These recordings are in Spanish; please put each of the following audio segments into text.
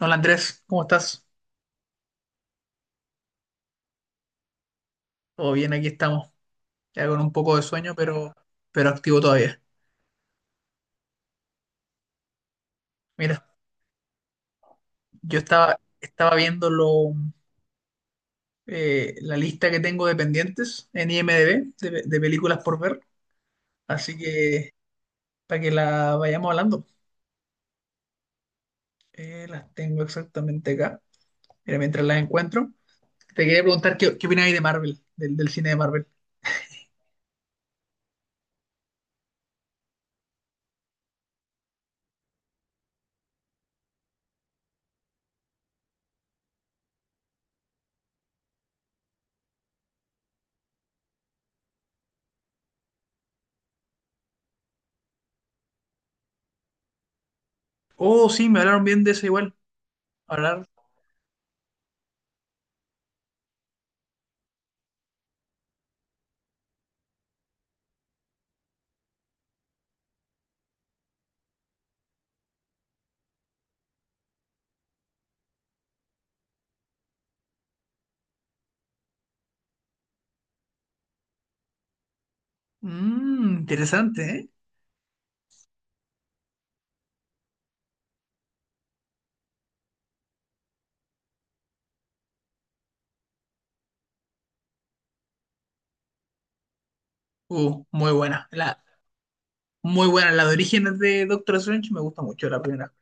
Hola Andrés, ¿cómo estás? Todo bien, aquí estamos, ya con un poco de sueño, pero activo todavía. Mira, yo estaba viendo la lista que tengo de pendientes en IMDb de películas por ver, así que para que la vayamos hablando. Las tengo exactamente acá. Mira, mientras las encuentro, te quería preguntar qué opináis de Marvel, del cine de Marvel. Oh, sí, me hablaron bien de eso igual. Hablar. Mmm, interesante, ¿eh? Muy buena. La... Muy buena. La de Orígenes de Doctor Strange me gusta mucho, la primera.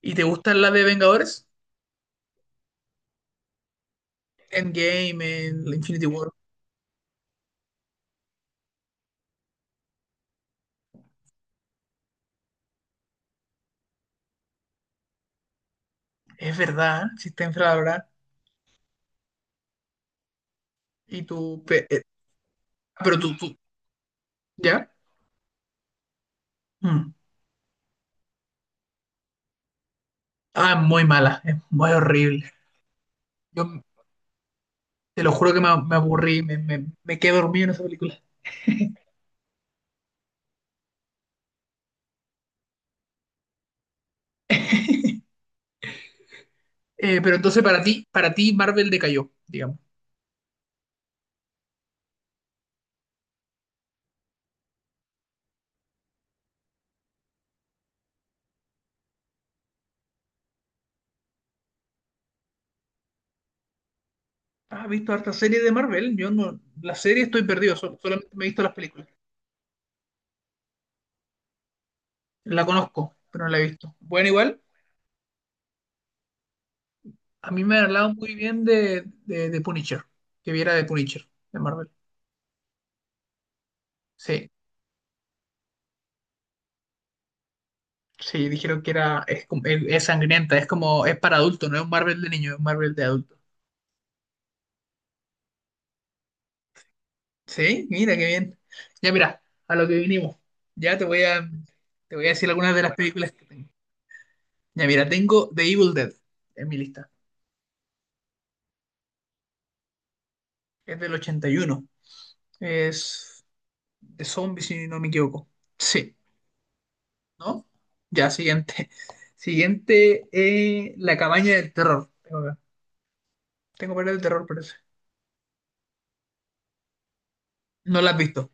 ¿Y te gustan las de Vengadores? Endgame, en Infinity War. Es verdad, si está infravalorada. Y tú, ah, pero tú. ¿Ya? Mm. Ah, es muy mala. Es muy horrible. Yo te lo juro que me aburrí. Me quedé dormido en esa película. Pero entonces para ti Marvel decayó, digamos. ¿Has visto harta serie de Marvel? Yo no, la serie estoy perdido, solamente me he visto las películas. La conozco, pero no la he visto. Bueno, igual. A mí me han hablado muy bien de Punisher, que viera de Punisher, de Marvel. Sí, sí, dijeron que era, es sangrienta, es como, es para adultos, no es un Marvel de niño, es un Marvel de adulto. Sí, mira qué bien. Ya mira, a lo que vinimos. Ya te voy a, te voy a decir algunas de las películas que tengo. Ya mira, tengo The Evil Dead en mi lista. Es del 81. Es de zombies, si no me equivoco. Sí, ¿no? Ya, siguiente. Siguiente, La cabaña del terror. Tengo varias de terror, parece. No la has visto.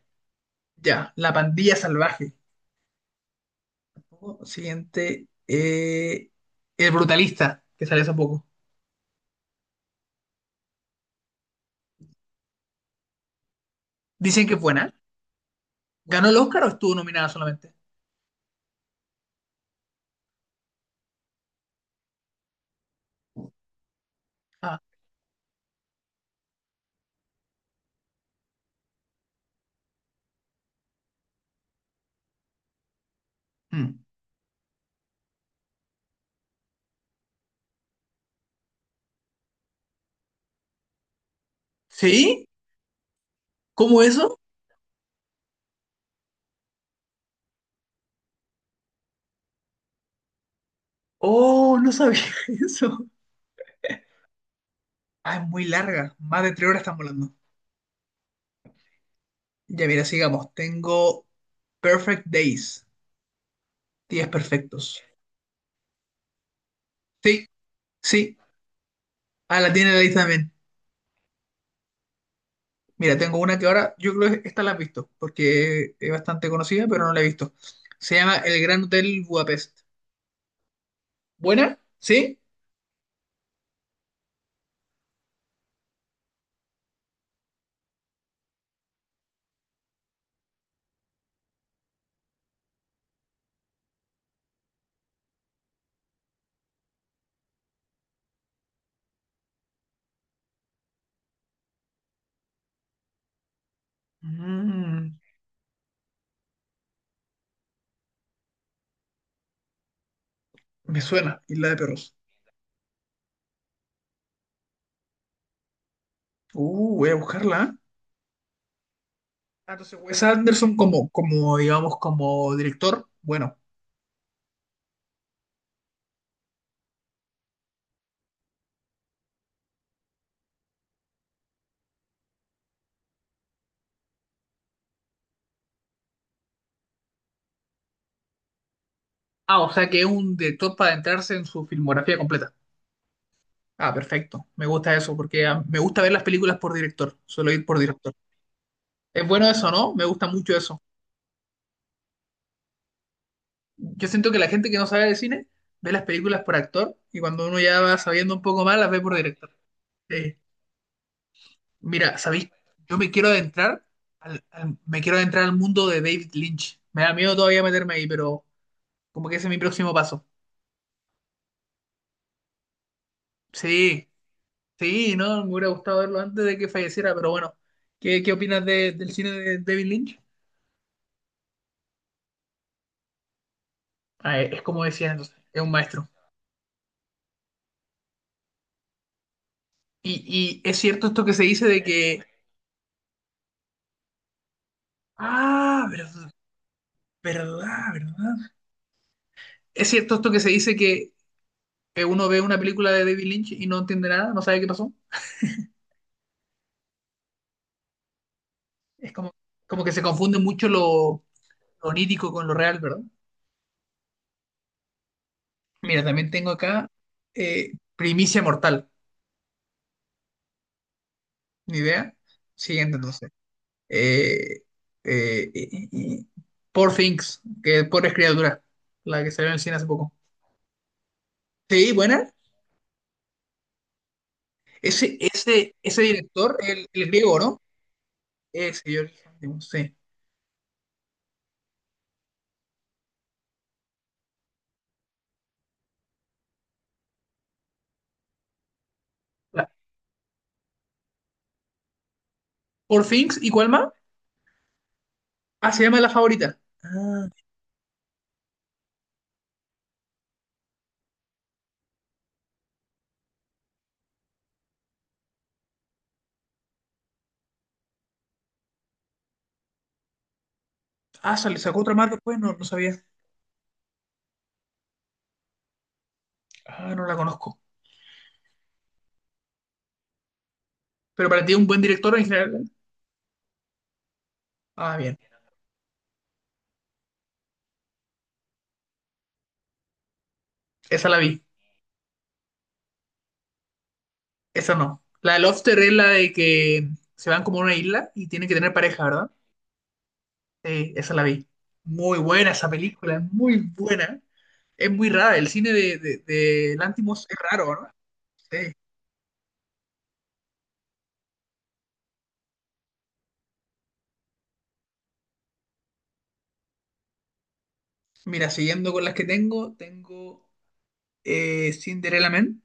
Ya, La pandilla salvaje. Siguiente, El brutalista, que sale hace poco. Dicen que es buena. ¿Ganó el Oscar o estuvo nominada solamente? Ah, mm. ¿Sí? ¿Cómo eso? Oh, no sabía eso. Ah, es muy larga. Más de 3 horas estamos hablando. Ya, mira, sigamos. Tengo Perfect Days. Días perfectos. Sí, sí. Ah, la tiene la lista también. Mira, tengo una que ahora, yo creo que esta la has visto, porque es bastante conocida, pero no la he visto. Se llama El Gran Hotel Budapest. ¿Buena? ¿Sí? Mm, me suena, Isla de Perros. Voy a buscarla. ¿Eh? Ah, entonces Wes Anderson como, como, digamos, como director. Bueno. Ah, o sea que es un director para adentrarse en su filmografía completa. Ah, perfecto. Me gusta eso, porque ah, me gusta ver las películas por director. Suelo ir por director. Es bueno eso, ¿no? Me gusta mucho eso. Yo siento que la gente que no sabe de cine ve las películas por actor y cuando uno ya va sabiendo un poco más las ve por director. Eh, Mira, ¿sabéis? Yo me quiero adentrar me quiero adentrar al mundo de David Lynch. Me da miedo todavía meterme ahí, pero como que ese es mi próximo paso. Sí, sí, ¿no? Me hubiera gustado verlo antes de que falleciera, pero bueno. ¿Qué opinas de- del cine de David Lynch? Ah, es como decían entonces, es un maestro. Y es cierto esto que se dice de que... Ah, verdad, verdad, verdad. ¿Es cierto esto que se dice que uno ve una película de David Lynch y no entiende nada, no sabe qué pasó? Es como, como que se confunde mucho lo onírico con lo real, ¿verdad? Mira, también tengo acá Primicia Mortal, ni idea. Siguiente, entonces. Eh, eh, y- y- y- Poor Things, que Pobres Criaturas, la que salió en el cine hace poco. Sí, buena. Ese director, el griego, ¿no? Ese, yo no sé. La- Poor Things, ¿y cuál más? Ah, se llama La Favorita. Ah, ah, sale, sacó otra más después, no, no sabía. Ah, no la conozco. Pero para ti, un buen director en general, ¿no? Ah, bien. Esa la vi. Esa no. La de Lobster es la de que se van como a una isla y tienen que tener pareja, ¿verdad? Sí, esa la vi. Muy buena esa película. Es muy buena. Es muy rara. El cine de Lanthimos es raro, ¿verdad? Sí. Mira, siguiendo con las que tengo Cinderella Man,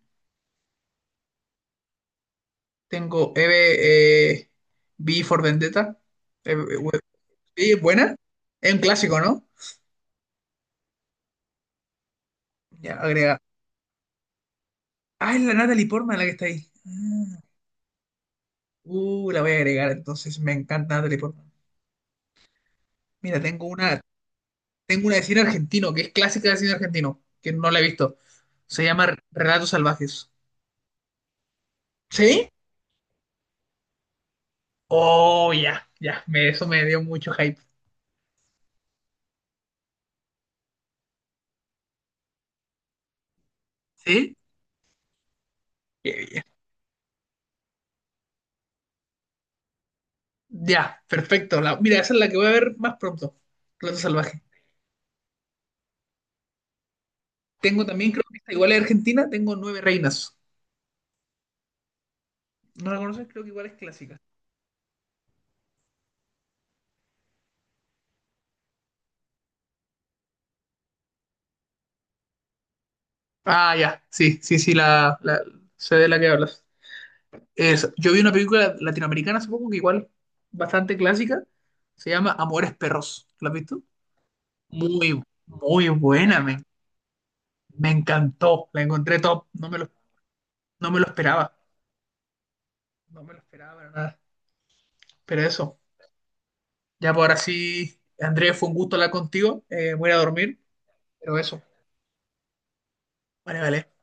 tengo Eve, V for Vendetta. Sí, es buena. Es un clásico, ¿no? Ya, agrega. Ah, es la Natalie Portman la que está ahí. Ah, uh, la voy a agregar, entonces me encanta Natalie Portman. Mira, tengo una de cine argentino, que es clásica de cine argentino, que no la he visto. Se llama Relatos Salvajes. ¿Sí? Oh, ya, ya, eso me dio mucho hype. ¿Sí? Qué bien. Ya, perfecto. La, mira, esa es la que voy a ver más pronto. Relatos Salvajes. Tengo también, creo que esta igual es argentina, tengo Nueve Reinas. ¿No la conoces? Creo que igual es clásica. Ah, ya, sí, sí, sí, sé de la que hablas. Es, yo vi una película latinoamericana hace poco que igual, bastante clásica, se llama Amores Perros. ¿La has visto? Muy, muy buena, me encantó, la encontré top, no me lo, no me lo esperaba, no me lo esperaba para nada. Pero eso, ya por ahora sí, Andrés, fue un gusto hablar contigo, voy a ir a dormir, pero eso, vale, vale.